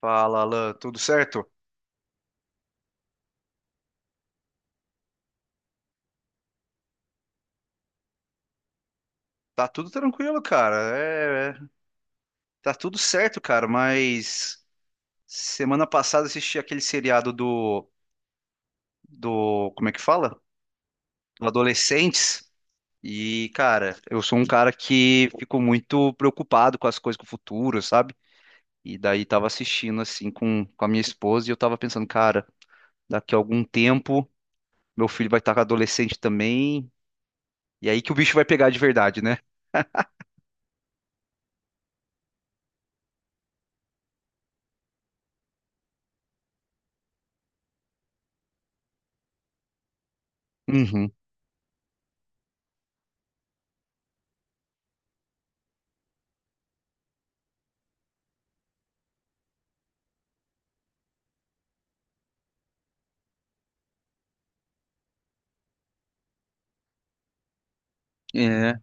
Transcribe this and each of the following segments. Fala, Alan, tudo certo? Tá tudo tranquilo, cara. É, tá tudo certo, cara, mas semana passada assisti aquele seriado do do, como é que fala? Do Adolescentes. E, cara, eu sou um cara que fico muito preocupado com as coisas com o futuro, sabe? E daí tava assistindo assim com a minha esposa e eu tava pensando, cara, daqui a algum tempo meu filho vai estar adolescente também, e aí que o bicho vai pegar de verdade, né? Uhum. É,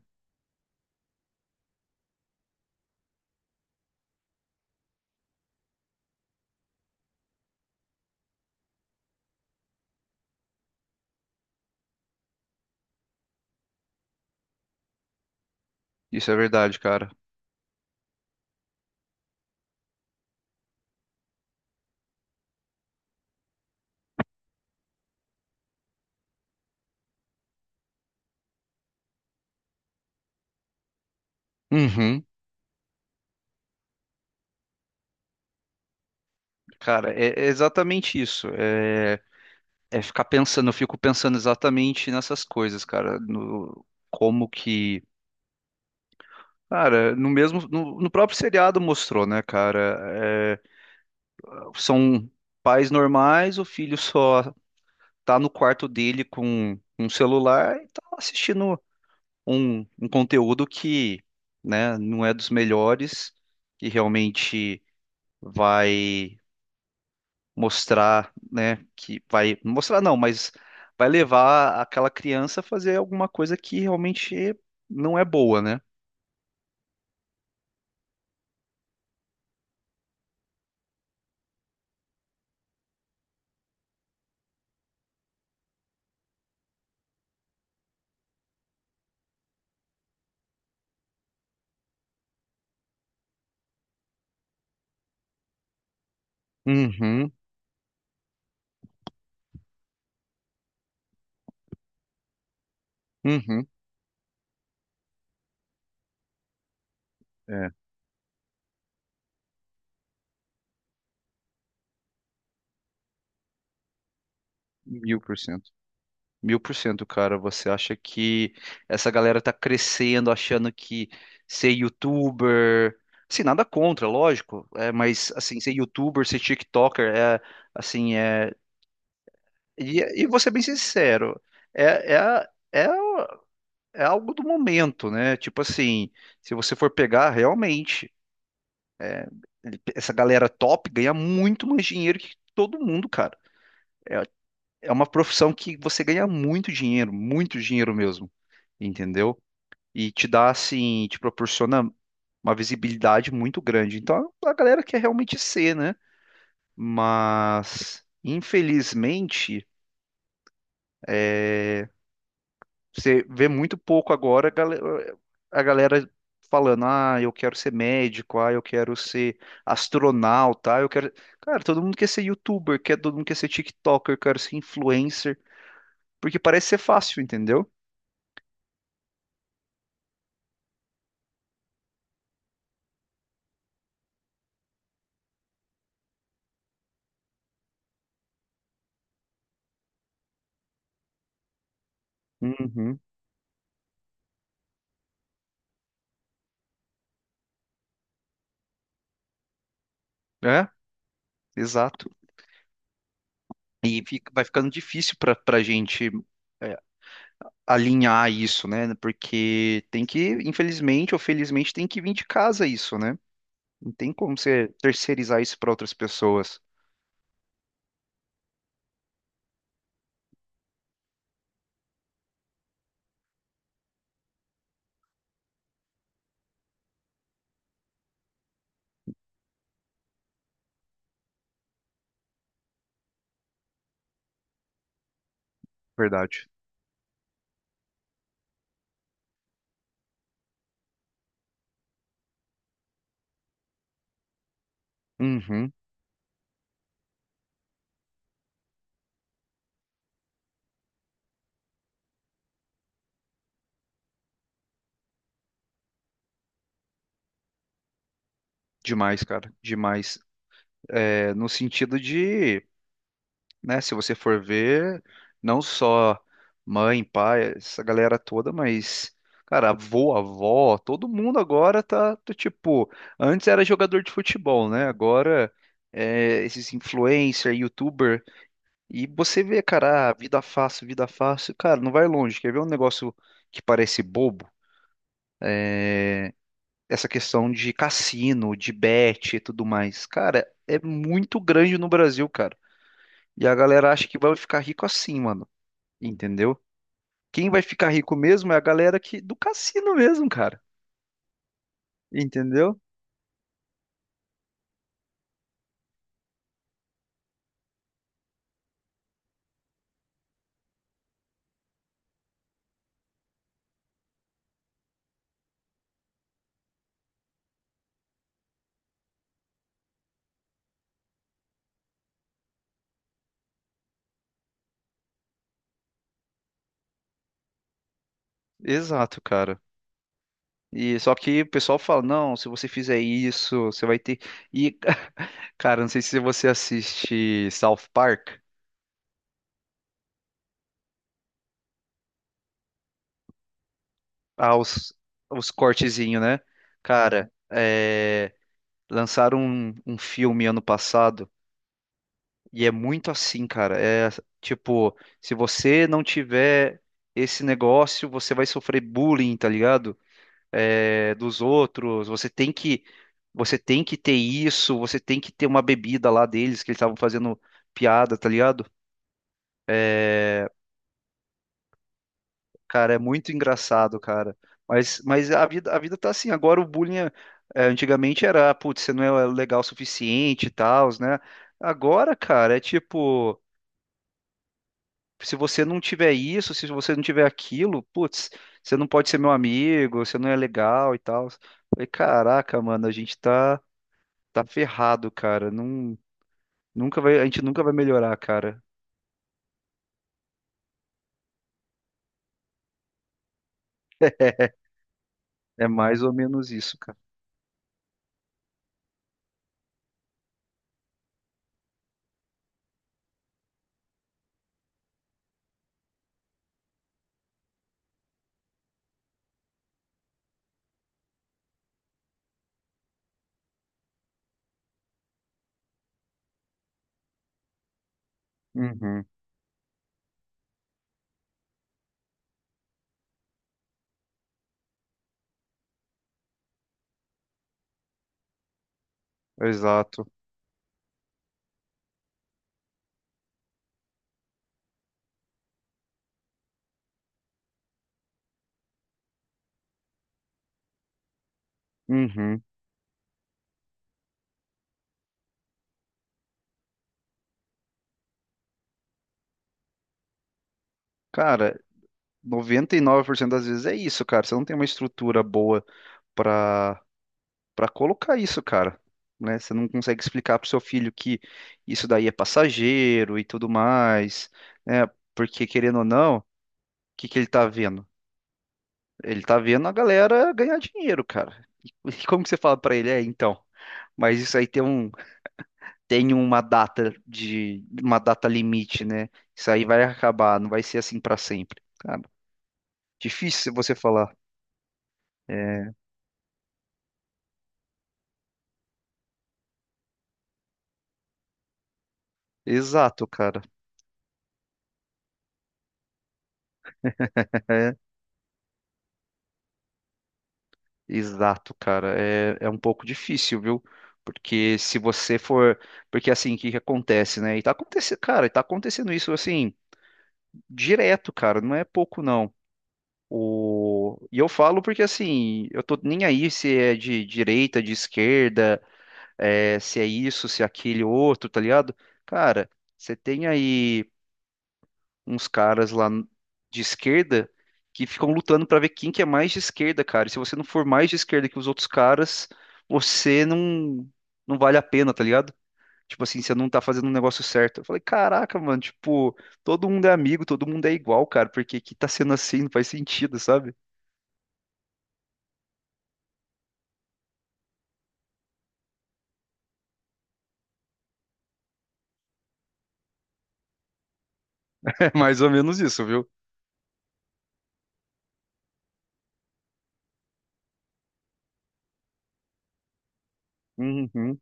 isso é verdade, cara. Uhum. Cara, é exatamente isso. É, ficar pensando, eu fico pensando exatamente nessas coisas, cara. No, como que. Cara, no mesmo. No próprio seriado mostrou, né, cara? É, são pais normais, o filho só tá no quarto dele com um celular e tá assistindo um conteúdo que, né, não é dos melhores, que realmente vai mostrar, né, que vai mostrar não, mas vai levar aquela criança a fazer alguma coisa que realmente não é boa, né? Uhum, uhum, é, 1000%. 1000%, cara. Você acha que essa galera tá crescendo achando que ser youtuber. Assim, nada contra, lógico. É, mas, assim, ser youtuber, ser TikToker, é, assim, é. E vou ser bem sincero, é, é, a- é é algo do momento, né? Tipo assim, se você for pegar realmente, é, essa galera top ganha muito mais dinheiro que todo mundo, cara. É uma profissão que você ganha muito dinheiro mesmo, entendeu? E te dá assim, te proporciona uma visibilidade muito grande. Então a galera quer realmente ser, né? Mas infelizmente você vê muito pouco agora a galera falando, ah, eu quero ser médico, ah, eu quero ser astronauta, ah, eu quero. Cara, todo mundo quer ser youtuber, quer, todo mundo quer ser TikToker, quer ser influencer, porque parece ser fácil, entendeu? Uhum. É, exato. E vai ficando difícil para gente é, alinhar isso, né? Porque tem que, infelizmente ou felizmente, tem que vir de casa isso, né? Não tem como você terceirizar isso para outras pessoas. Verdade. Uhum. Demais, cara, demais. É, no sentido de, né, se você for ver, não só mãe, pai, essa galera toda, mas, cara, avô, avó, todo mundo agora tá, do tipo, antes era jogador de futebol, né? Agora é, esses influencer, youtuber, e você vê, cara, ah, vida fácil, cara, não vai longe. Quer ver um negócio que parece bobo? Essa questão de cassino, de bet e tudo mais. Cara, é muito grande no Brasil, cara. E a galera acha que vai ficar rico assim, mano. Entendeu? Quem vai ficar rico mesmo é a galera que do cassino mesmo, cara. Entendeu? Exato, cara. E só que o pessoal fala, não, se você fizer isso, você vai ter. E, cara, não sei se você assiste South Park, ah, os cortezinhos, né? Cara, lançaram um filme ano passado. E é muito assim, cara. É tipo, se você não tiver esse negócio, você vai sofrer bullying, tá ligado? É, dos outros. Você tem que ter isso. Você tem que ter uma bebida lá deles que eles estavam fazendo piada, tá ligado? Cara, é muito engraçado, cara. Mas a vida tá assim. Agora o bullying, antigamente era, putz, você não é legal o suficiente e tal, né? Agora, cara, é tipo, se você não tiver isso, se você não tiver aquilo, putz, você não pode ser meu amigo, você não é legal e tal. Falei, caraca, mano, a gente tá ferrado, cara. Não, nunca vai, a gente nunca vai melhorar, cara. É mais ou menos isso, cara. Uhum, exato. Uhum. Cara, 99% das vezes é isso, cara. Você não tem uma estrutura boa pra para colocar isso, cara, né? Você não consegue explicar pro seu filho que isso daí é passageiro e tudo mais, né? Porque querendo ou não, o que que ele tá vendo? Ele tá vendo a galera ganhar dinheiro, cara. E como que você fala pra ele? É, então, mas isso aí tem um, tem uma data de, uma data limite, né? Isso aí vai acabar, não vai ser assim pra sempre. Cara, difícil você falar. É, exato, cara. É, Exato, cara. É, um pouco difícil, viu? Porque se você for. Porque assim, o que que acontece, né? E tá acontecendo, cara, e tá acontecendo isso assim, direto, cara. Não é pouco, não. O... E eu falo porque assim, eu tô nem aí se é de direita, de esquerda, é, se é isso, se é aquele outro, tá ligado? Cara, você tem aí uns caras lá de esquerda que ficam lutando pra ver quem que é mais de esquerda, cara. E se você não for mais de esquerda que os outros caras, você não vale a pena, tá ligado? Tipo assim, você não tá fazendo um negócio certo. Eu falei, caraca, mano, tipo, todo mundo é amigo, todo mundo é igual, cara, porque que tá sendo assim, não faz sentido, sabe? É mais ou menos isso, viu? Uhum,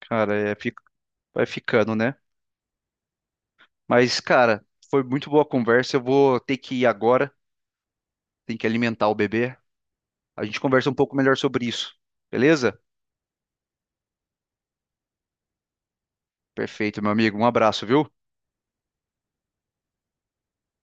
cara, vai ficando, né? Mas, cara, foi muito boa a conversa. Eu vou ter que ir agora, tem que alimentar o bebê. A gente conversa um pouco melhor sobre isso. Beleza? Perfeito, meu amigo. Um abraço, viu?